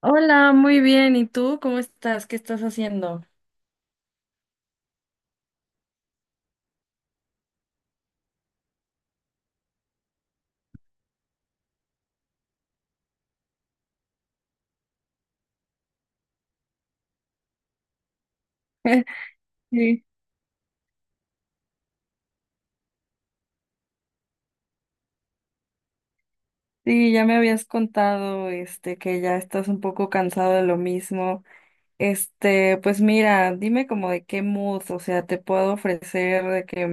Hola, muy bien. ¿Y tú cómo estás? ¿Qué estás haciendo? Sí, sí, ya me habías contado, este, que ya estás un poco cansado de lo mismo. Este, pues mira, dime como de qué mood, o sea, te puedo ofrecer de que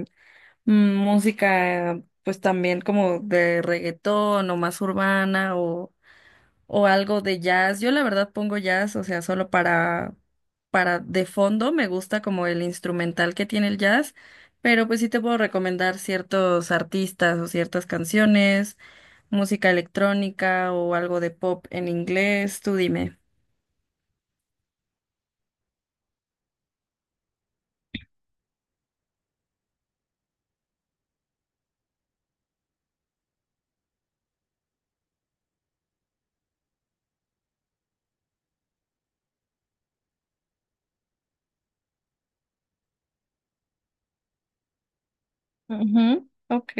música, pues también como de reggaetón o más urbana o algo de jazz. Yo la verdad pongo jazz, o sea, solo para de fondo me gusta como el instrumental que tiene el jazz, pero pues sí te puedo recomendar ciertos artistas o ciertas canciones, música electrónica o algo de pop en inglés, tú dime. Ujú, ok,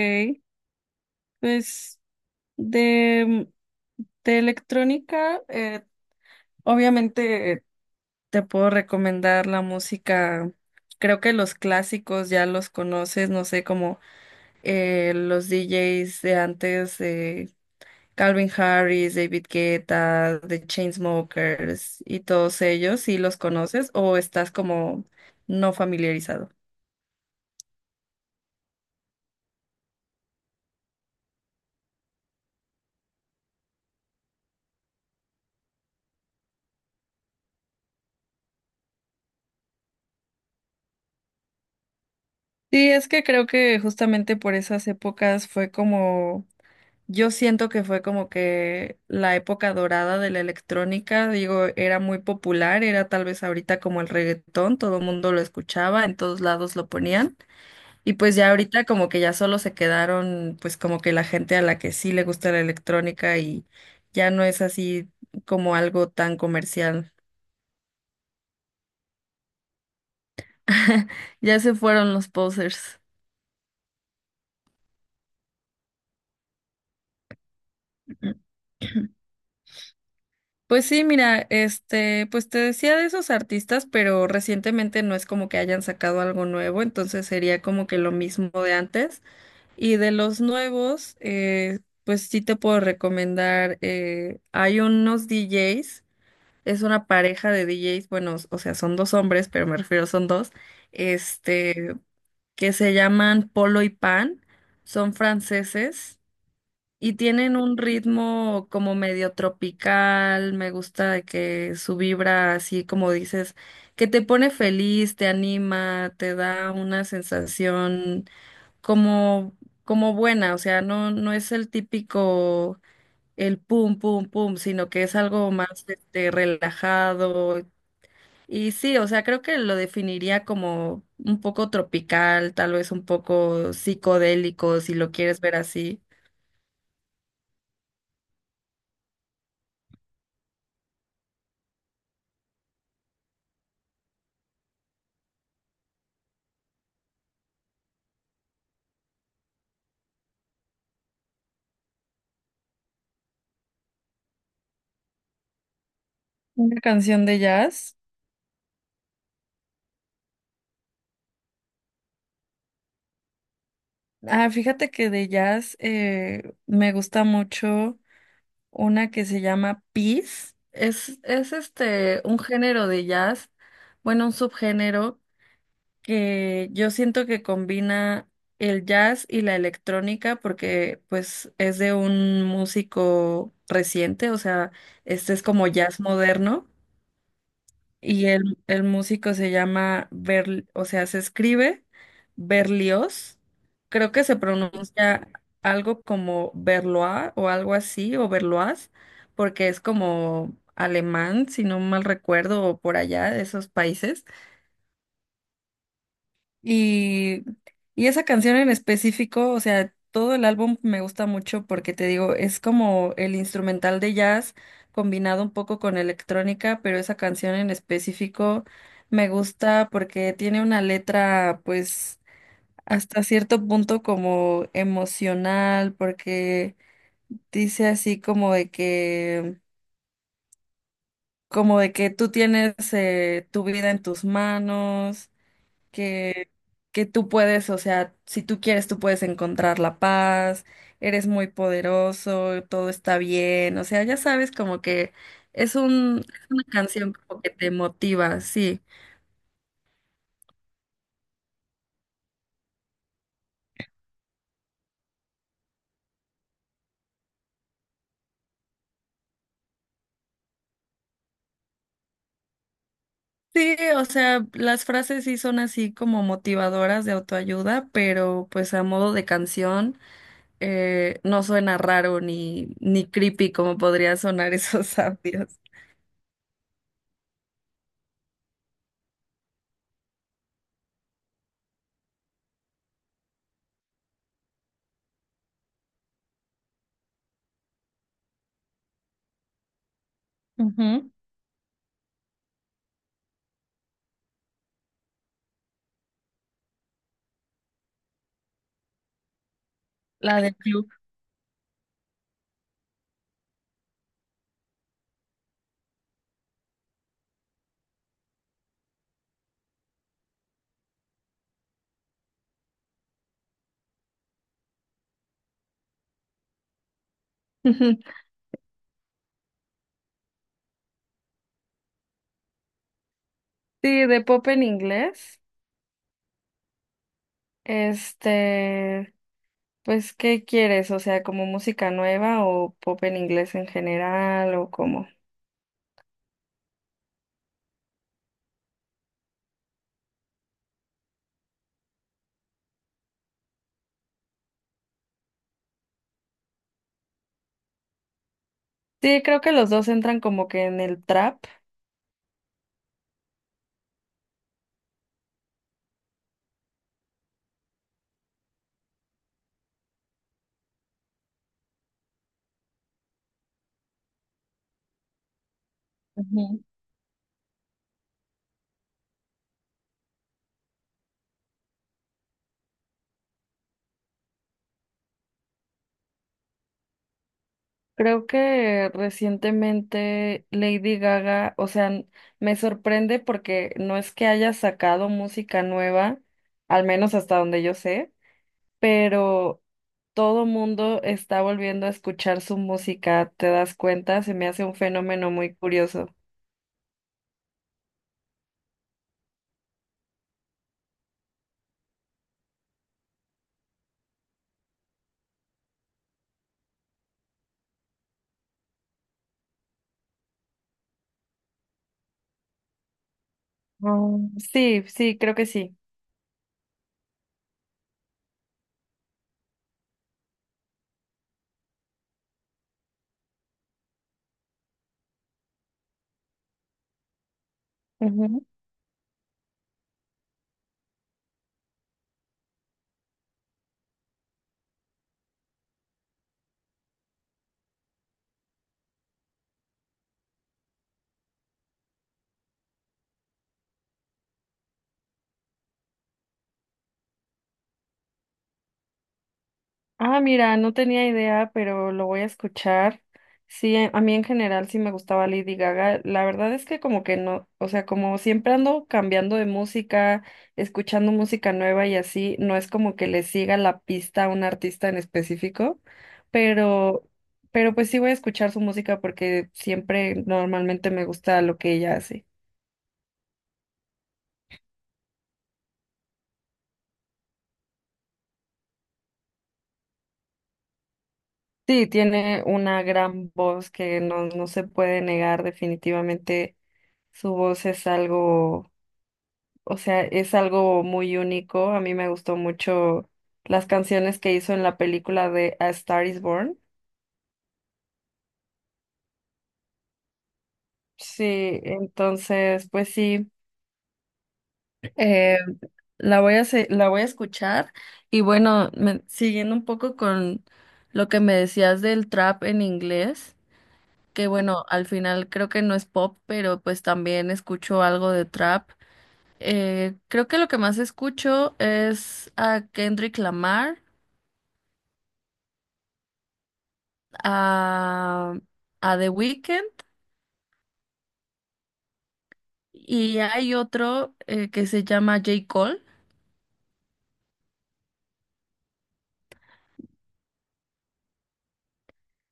pues de, de electrónica, obviamente te puedo recomendar la música, creo que los clásicos ya los conoces, no sé, como los DJs de antes, de Calvin Harris, David Guetta, The Chainsmokers y todos ellos, ¿sí los conoces o estás como no familiarizado? Sí, es que creo que justamente por esas épocas fue como, yo siento que fue como que la época dorada de la electrónica, digo, era muy popular, era tal vez ahorita como el reggaetón, todo el mundo lo escuchaba, en todos lados lo ponían. Y pues ya ahorita como que ya solo se quedaron pues como que la gente a la que sí le gusta la electrónica y ya no es así como algo tan comercial. Ya se fueron los posers. Pues sí, mira, este, pues te decía de esos artistas, pero recientemente no es como que hayan sacado algo nuevo, entonces sería como que lo mismo de antes. Y de los nuevos, pues sí te puedo recomendar, hay unos DJs. Es una pareja de DJs, bueno, o sea, son dos hombres, pero me refiero son dos, este, que se llaman Polo y Pan, son franceses y tienen un ritmo como medio tropical, me gusta de que su vibra así como dices, que te pone feliz, te anima, te da una sensación como como buena, o sea, no es el típico el pum, pum, pum, sino que es algo más este, relajado, y sí, o sea, creo que lo definiría como un poco tropical, tal vez un poco psicodélico, si lo quieres ver así. Una canción de jazz. Ah, fíjate que de jazz me gusta mucho una que se llama Peace. Es este un género de jazz, bueno, un subgénero que yo siento que combina el jazz y la electrónica porque pues es de un músico reciente, o sea, este es como jazz moderno y el músico se llama Ber, o sea, se escribe Berlioz, creo que se pronuncia algo como Berloa o algo así, o Berlois, porque es como alemán, si no mal recuerdo, o por allá de esos países. Y, y esa canción en específico, o sea, todo el álbum me gusta mucho porque te digo, es como el instrumental de jazz combinado un poco con electrónica, pero esa canción en específico me gusta porque tiene una letra, pues, hasta cierto punto como emocional, porque dice así como de que tú tienes tu vida en tus manos que, que tú puedes, o sea, si tú quieres, tú puedes encontrar la paz, eres muy poderoso, todo está bien, o sea, ya sabes como que es una canción como que te motiva, sí. Sí, o sea, las frases sí son así como motivadoras de autoayuda, pero pues a modo de canción no suena raro ni creepy como podría sonar esos audios. Ujú. La del club. Sí, de pop en inglés. Este, pues, ¿qué quieres? O sea, ¿como música nueva o pop en inglés en general o cómo? Sí, creo que los dos entran como que en el trap. Ujú. Creo que recientemente Lady Gaga, o sea, me sorprende porque no es que haya sacado música nueva, al menos hasta donde yo sé, pero todo mundo está volviendo a escuchar su música, ¿te das cuenta? Se me hace un fenómeno muy curioso. Mm, sí, sí, creo que sí. Ujú. Ah, mira, no tenía idea, pero lo voy a escuchar. Sí, a mí en general sí me gustaba Lady Gaga. La verdad es que como que no, o sea, como siempre ando cambiando de música, escuchando música nueva y así, no es como que le siga la pista a un artista en específico, pero, pero pues sí voy a escuchar su música porque siempre normalmente me gusta lo que ella hace. Sí, tiene una gran voz que no, no se puede negar definitivamente. Su voz es algo, o sea, es algo muy único. A mí me gustó mucho las canciones que hizo en la película de A Star is Born. Sí, entonces, pues sí, eh, la voy a escuchar. Y bueno, siguiendo un poco con lo que me decías del trap en inglés. Que bueno, al final creo que no es pop, pero pues también escucho algo de trap. Creo que lo que más escucho es a Kendrick Lamar, a, a The Weeknd y hay otro que se llama J. Cole.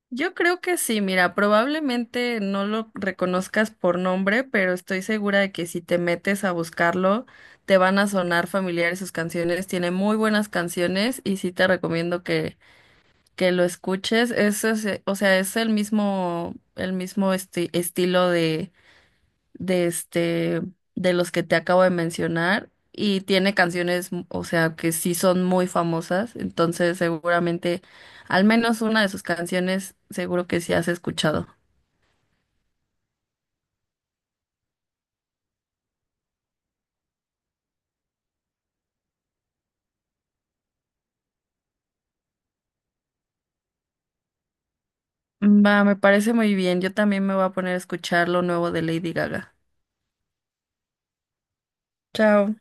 Yo creo que sí, mira, probablemente no lo reconozcas por nombre, pero estoy segura de que si te metes a buscarlo, te van a sonar familiares sus canciones. Tiene muy buenas canciones y sí te recomiendo que lo escuches, o sea, es el mismo estilo de este, de los que te acabo de mencionar, y tiene canciones, o sea, que sí son muy famosas, entonces seguramente, al menos una de sus canciones, seguro que sí has escuchado. Va, me parece muy bien, yo también me voy a poner a escuchar lo nuevo de Lady Gaga. Chao.